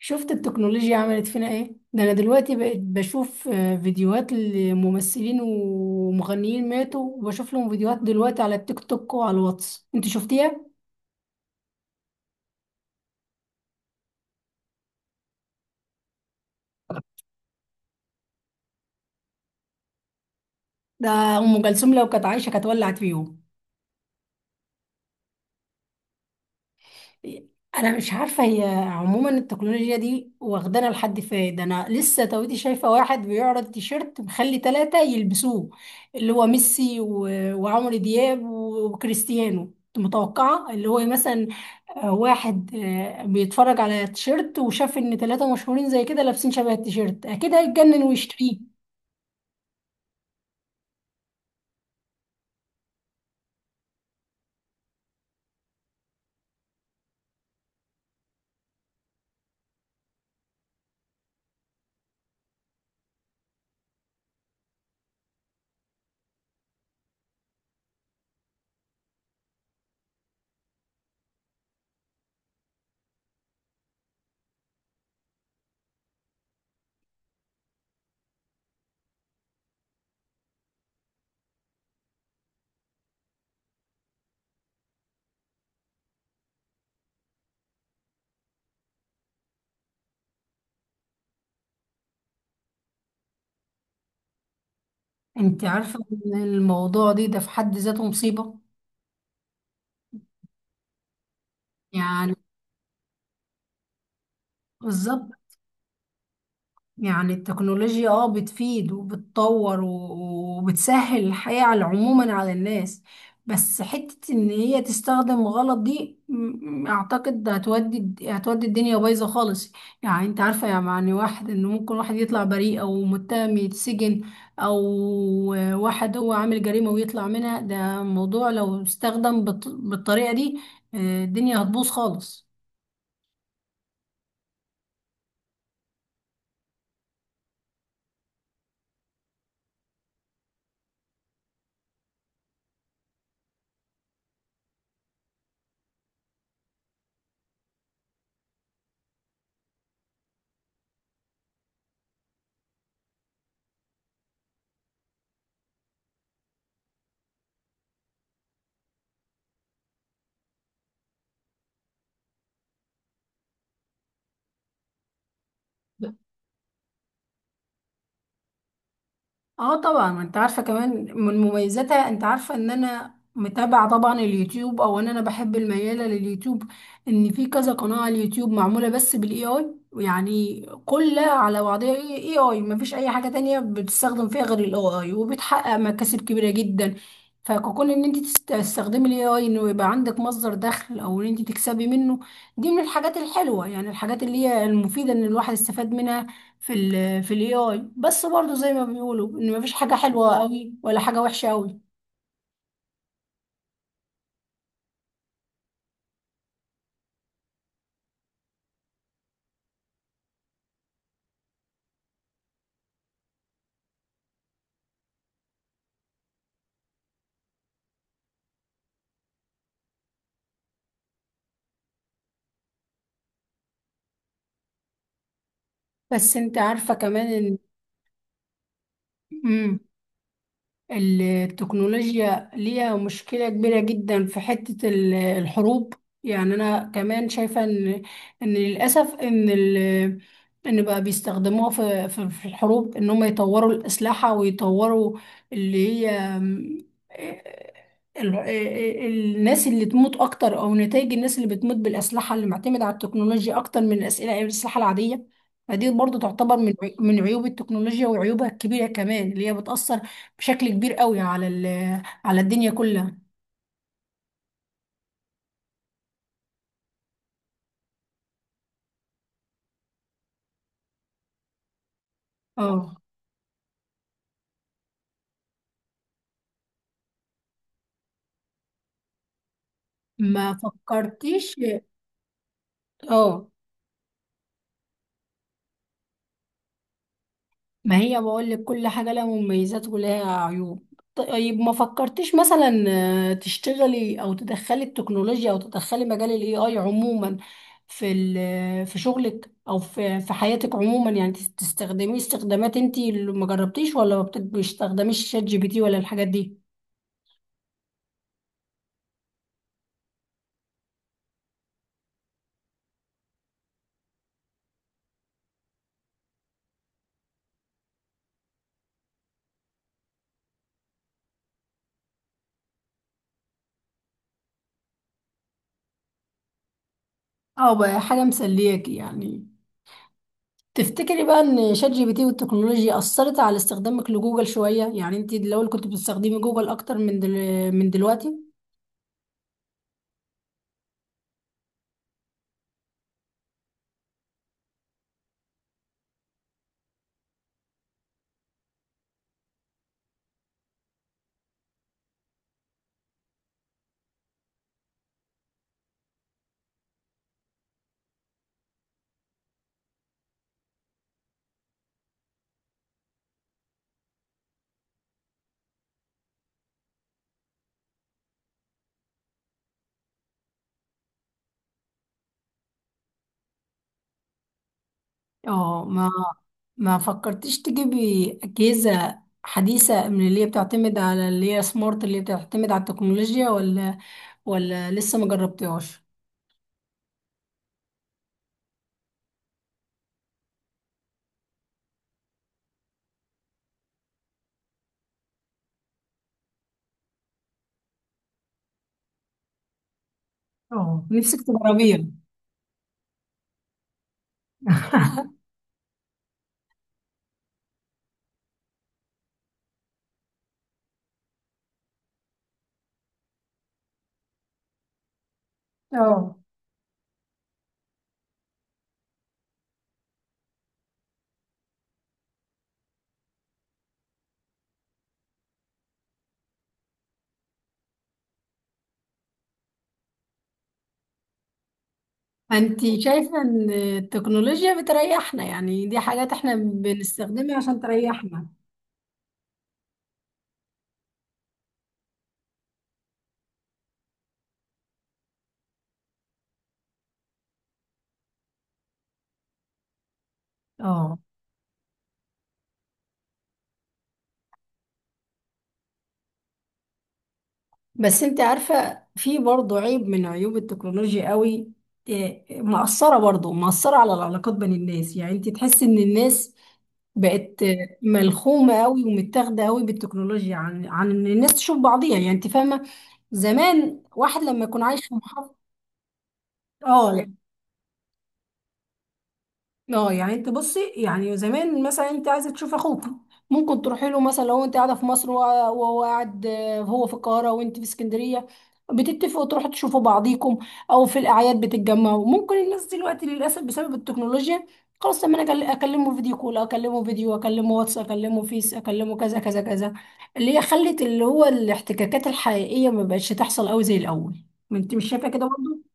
شفت التكنولوجيا عملت فينا ايه؟ ده انا دلوقتي بقيت بشوف فيديوهات لممثلين ومغنيين ماتوا، وبشوف لهم فيديوهات دلوقتي على التيك توك وعلى الواتس. انت شفتيها؟ ده ام كلثوم لو كانت عايشه كانت ولعت فيهم. انا مش عارفه هي عموما التكنولوجيا دي واخدانا لحد فين. ده انا لسه تويتي شايفه واحد بيعرض تيشيرت مخلي ثلاثه يلبسوه، اللي هو ميسي و- وعمرو دياب وكريستيانو. كنت متوقعه اللي هو مثلا واحد بيتفرج على تيشيرت وشاف ان ثلاثة مشهورين زي كده لابسين شبه التيشيرت، اكيد هيتجنن ويشتريه. انت عارفة ان الموضوع ده في حد ذاته مصيبة، يعني. بالظبط، يعني التكنولوجيا اه بتفيد وبتطور و- وبتسهل الحياة على عموما على الناس، بس حتة ان هي تستخدم غلط دي اعتقد هتودي الدنيا بايظة خالص. يعني انت عارفة، يعني واحد انه ممكن واحد يطلع بريء او متهم يتسجن، او واحد هو عامل جريمة ويطلع منها، ده موضوع لو استخدم بالطريقة دي الدنيا هتبوظ خالص. اه طبعا، ما انت عارفه كمان من مميزاتها، انت عارفه ان انا متابعه طبعا اليوتيوب، او ان انا بحب المياله لليوتيوب، ان في كذا قناه على اليوتيوب معموله بس بالاي اي، يعني كلها على بعضها اي اي، ما فيش اي حاجه تانية بتستخدم فيها غير الاي اي، وبتحقق مكاسب كبيره جدا. فكون ان انت تستخدمي الاي اي انه يبقى عندك مصدر دخل، او ان انت تكسبي منه، دي من الحاجات الحلوه، يعني الحاجات اللي هي المفيده ان الواحد استفاد منها في ال في الاي اي. بس برضو زي ما بيقولوا ان مفيش حاجة حلوة قوي ولا حاجة وحشة قوي. بس انت عارفة كمان ان مم. التكنولوجيا ليها مشكلة كبيرة جدا في حتة الحروب. يعني أنا كمان شايفة إن إن للأسف إن ال إن بقى بيستخدموها في الحروب، إن هم يطوروا الأسلحة ويطوروا اللي هي ال- ال- آه، الناس اللي تموت أكتر، أو نتائج الناس اللي بتموت بالأسلحة اللي معتمدة على التكنولوجيا أكتر من الأسئلة الأسلحة العادية. فدي برضو تعتبر من من عيوب التكنولوجيا وعيوبها الكبيرة كمان، اللي هي بتأثر بشكل كبير قوي على ال... على الدنيا كلها. اه، ما فكرتيش؟ اه، ما هي بقول لك كل حاجة لها مميزات ولها عيوب. طيب ما فكرتيش مثلا تشتغلي او تدخلي التكنولوجيا او تدخلي مجال الاي اي عموما في في شغلك او في في حياتك عموما؟ يعني تستخدميه استخدامات. انتي اللي ما جربتيش ولا ما بتستخدميش شات جي بي تي ولا الحاجات دي؟ اه، بقى حاجة مسلياكي يعني. تفتكري بقى ان شات جي بي تي والتكنولوجيا اثرت على استخدامك لجوجل شويه؟ يعني انت الاول كنت بتستخدمي جوجل اكتر من دل... من دلوقتي. اه، ما فكرتيش تجيبي اجهزه حديثه من اللي هي بتعتمد على اللي هي سمارت، اللي هي بتعتمد على التكنولوجيا، ولا ولا لسه ما جربتيهاش؟ اه، نفسك تجربيها. اه، انت شايفه ان التكنولوجيا بتريحنا؟ يعني دي حاجات احنا بنستخدمها عشان تريحنا. اه، بس انت عارفة في برضه عيب من عيوب التكنولوجيا قوي. إيه، مأثرة برضه مأثرة على العلاقات بين الناس، يعني انت تحس ان الناس بقت ملخومة قوي ومتاخدة قوي بالتكنولوجيا عن عن ان الناس تشوف بعضيها. يعني انت فاهمة؟ زمان واحد لما يكون عايش في محافظة. اه، اه، يعني انت بصي، يعني زمان مثلا انت عايزه تشوف اخوك، ممكن تروحي له، مثلا لو انت قاعده في مصر، وهو وهو قاعد هو في القاهره وانت في اسكندريه، بتتفقوا تروحوا تشوفوا بعضيكم، او في الاعياد بتتجمعوا. ممكن الناس دلوقتي للاسف بسبب التكنولوجيا خلاص، لما انا اكلمه فيديو كول، اكلمه فيديو، اكلمه واتس، اكلمه فيس، اكلمه كذا كذا كذا، اللي هي خلت اللي هو الاحتكاكات الحقيقيه ما بقتش تحصل قوي زي الاول. ما انت مش شايفه كده برضه؟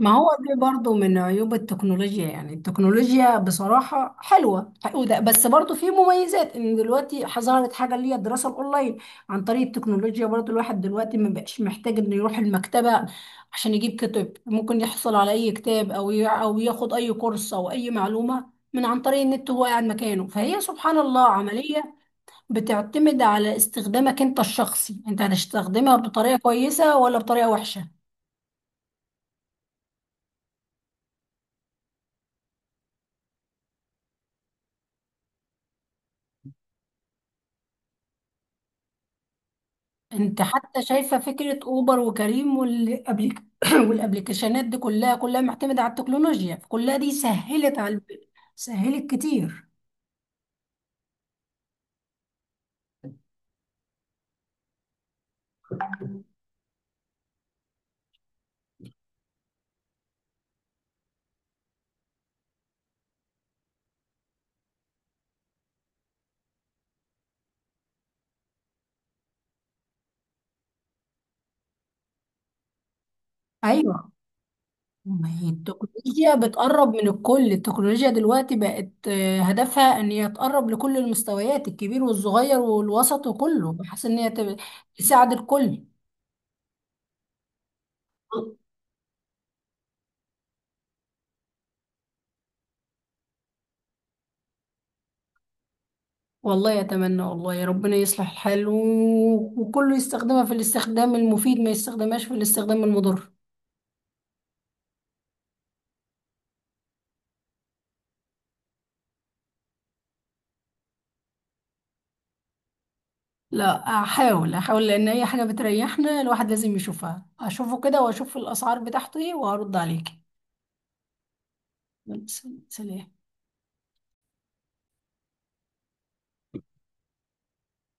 ما هو دي برضو من عيوب التكنولوجيا. يعني التكنولوجيا بصراحة حلوة بس برضو في مميزات ان دلوقتي ظهرت حاجة اللي هي الدراسة الاونلاين عن طريق التكنولوجيا. برضو الواحد دلوقتي ما بقاش محتاج انه يروح المكتبة عشان يجيب كتب، ممكن يحصل على اي كتاب او او ياخد اي كورس او اي معلومة من عن طريق النت وهو قاعد مكانه. فهي سبحان الله عملية بتعتمد على استخدامك انت الشخصي، انت هتستخدمها بطريقة كويسة ولا بطريقة وحشة. انت حتى شايفه فكره اوبر وكريم والابليك والابليكيشنات دي كلها، كلها معتمده على التكنولوجيا، فكلها دي سهلت على، سهلت كتير. ايوه، ما هي التكنولوجيا بتقرب من الكل، التكنولوجيا دلوقتي بقت هدفها ان هي تقرب لكل المستويات، الكبير والصغير والوسط وكله، بحيث ان هي تساعد الكل. والله اتمنى، والله يا ربنا يصلح الحال و... وكله يستخدمها في الاستخدام المفيد، ما يستخدمهاش في الاستخدام المضر. لا، احاول لان اي حاجه بتريحنا الواحد لازم يشوفها، اشوفه كده واشوف الاسعار بتاعته ايه وهرد عليكي. يلا، سلام.